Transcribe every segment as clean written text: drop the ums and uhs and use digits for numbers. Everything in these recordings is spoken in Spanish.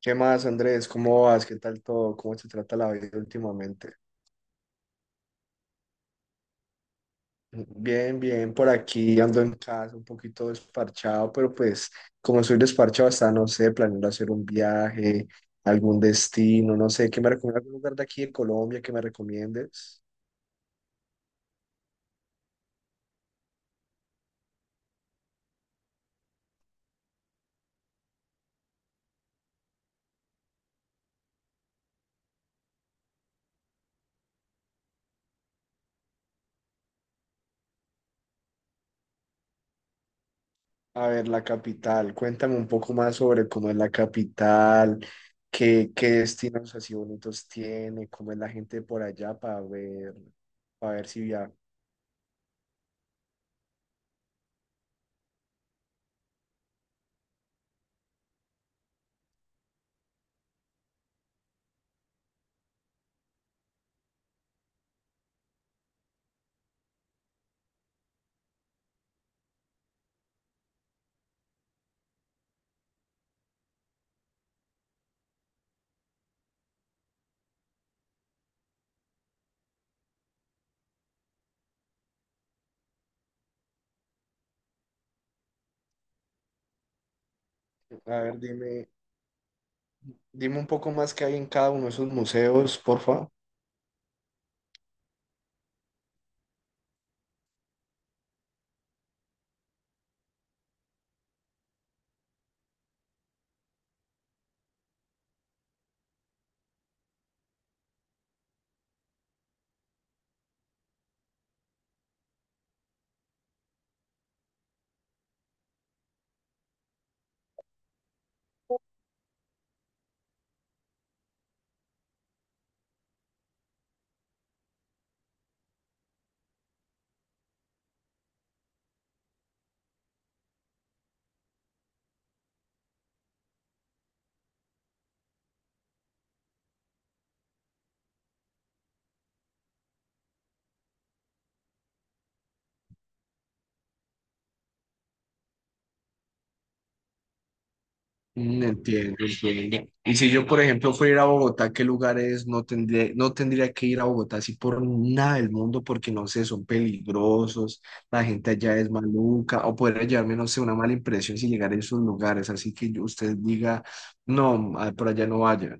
¿Qué más, Andrés? ¿Cómo vas? ¿Qué tal todo? ¿Cómo se trata la vida últimamente? Bien, bien, por aquí ando en casa un poquito desparchado, pero pues como soy desparchado hasta, no sé, planeando hacer un viaje, algún destino, no sé, ¿qué me recomiendas? ¿Algún lugar de aquí de Colombia que me recomiendes? A ver, la capital, cuéntame un poco más sobre cómo es la capital, qué destinos así bonitos tiene, cómo es la gente por allá para ver si viajo. A ver, dime. Dime un poco más qué hay en cada uno de esos museos, porfa. Mm, entiendo, entiendo. Y si yo, por ejemplo, fuera a ir a Bogotá, ¿qué lugares no tendría que ir a Bogotá así por nada del mundo? Porque no sé, son peligrosos, la gente allá es maluca, o podría llevarme, no sé, una mala impresión si llegar a esos lugares. Así que usted diga, no, por allá no vaya.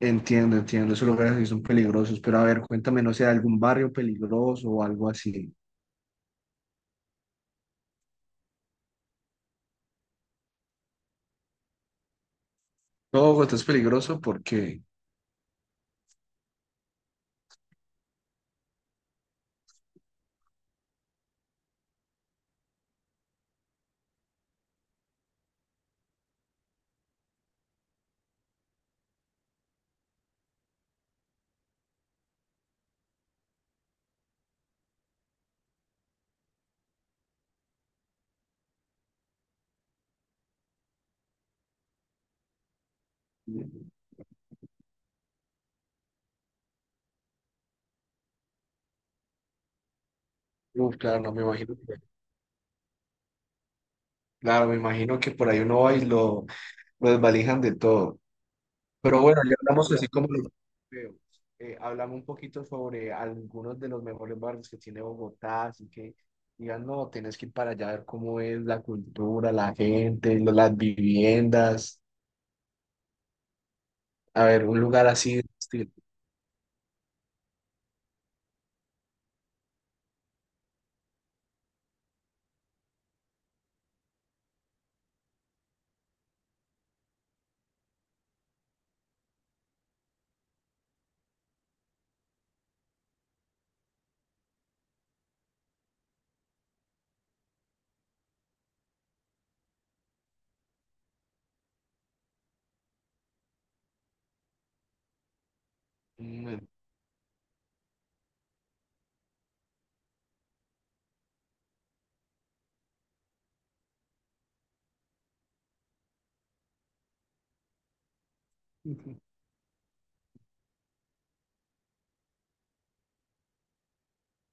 Entiendo, entiendo, esos lugares sí son peligrosos, pero a ver, cuéntame, no sé, algún barrio peligroso o algo así. ¿Todo Bogotá es peligroso? ¿Por qué? Uf, claro, no me imagino. Claro, me imagino que por ahí uno va y lo desvalijan de todo. Pero bueno, ya hablamos así como los veo. Hablamos un poquito sobre algunos de los mejores barrios que tiene Bogotá, así que digan, no, tienes que ir para allá a ver cómo es la cultura, la gente, las viviendas, a ver, un lugar así de estilo. Mm.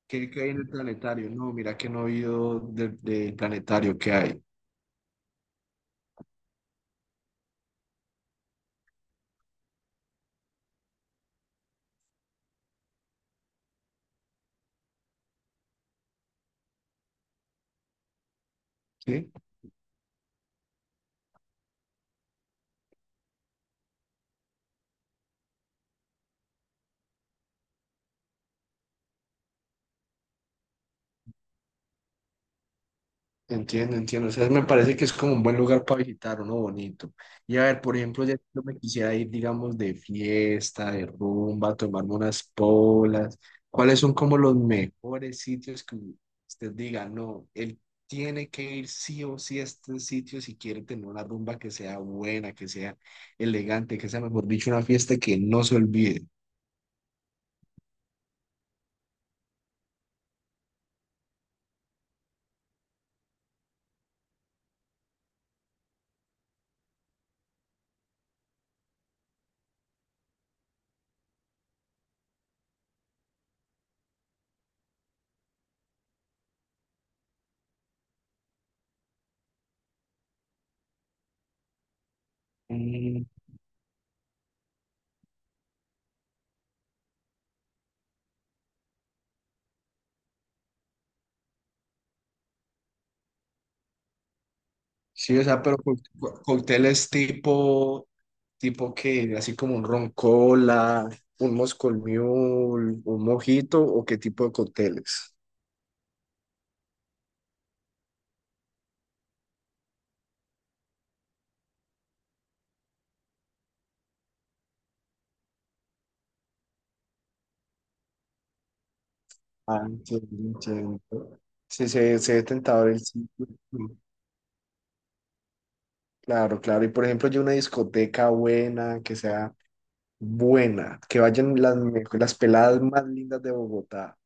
¿Qué, qué hay en el planetario? No, mira que no he oído del planetario que hay. ¿Sí? Entiendo, entiendo. O sea, me parece que es como un buen lugar para visitar, uno bonito. Y a ver, por ejemplo, ya yo me quisiera ir, digamos, de fiesta, de rumba, tomarme unas polas. ¿Cuáles son como los mejores sitios que usted diga, no, él tiene que ir sí o sí a este sitio si quiere tener una rumba que sea buena, que sea elegante, que sea, mejor dicho, una fiesta que no se olvide? Sí, o sea, pero cócteles tipo, tipo que, así como un ron cola, un Moscow Mule, un mojito, o qué tipo de cócteles. Ah, entiendo, entiendo. Sí, se ve tentador el sitio. Claro, claro. Y por ejemplo, yo una discoteca buena, que sea buena, que vayan las peladas más lindas de Bogotá.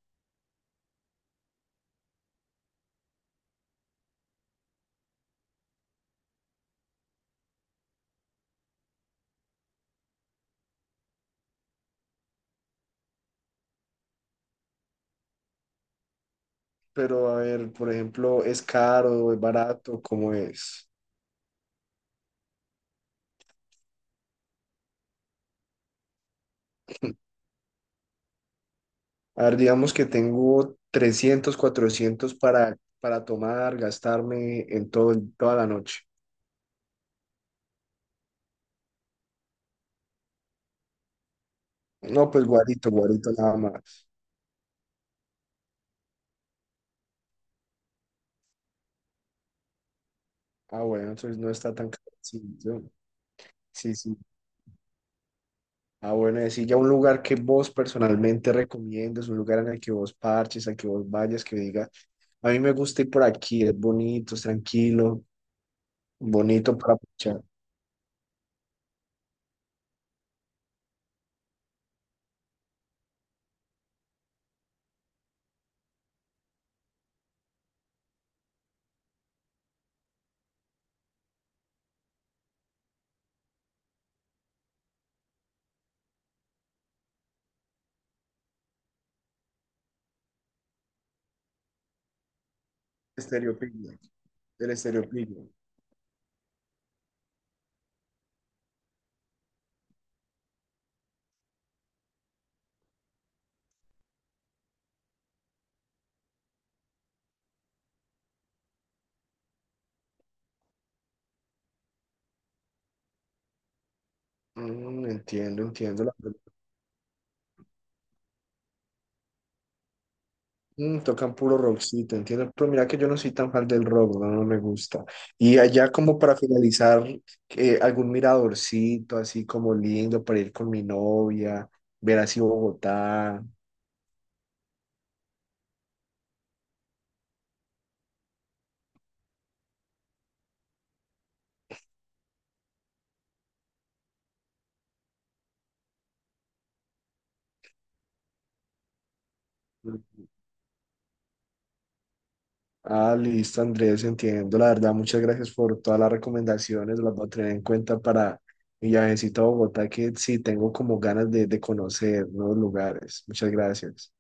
Pero a ver, por ejemplo, ¿es caro, es barato? ¿Cómo es? A ver, digamos que tengo 300, 400 para tomar, gastarme en todo, toda la noche. No, pues guarito, guarito nada más. Ah, bueno, entonces no está tan caro. Sí, sí, sí. Ah, bueno, decir ya un lugar que vos personalmente recomiendas, un lugar en el que vos parches, al que vos vayas, que digas, a mí me gusta ir por aquí, es bonito, es tranquilo, bonito para parchar. Estereopiglia, el estereopiglia. Mm, entiendo, entiendo. Mm, tocan puro rockcito, entiendo. Pero mira que yo no soy tan fan del rock, no, no me gusta. Y allá como para finalizar, algún miradorcito así como lindo para ir con mi novia, ver así Bogotá. Ah, listo, Andrés, entiendo. La verdad, muchas gracias por todas las recomendaciones, las voy a tener en cuenta para mi viajecito a Bogotá, que sí tengo como ganas de conocer nuevos lugares. Muchas gracias.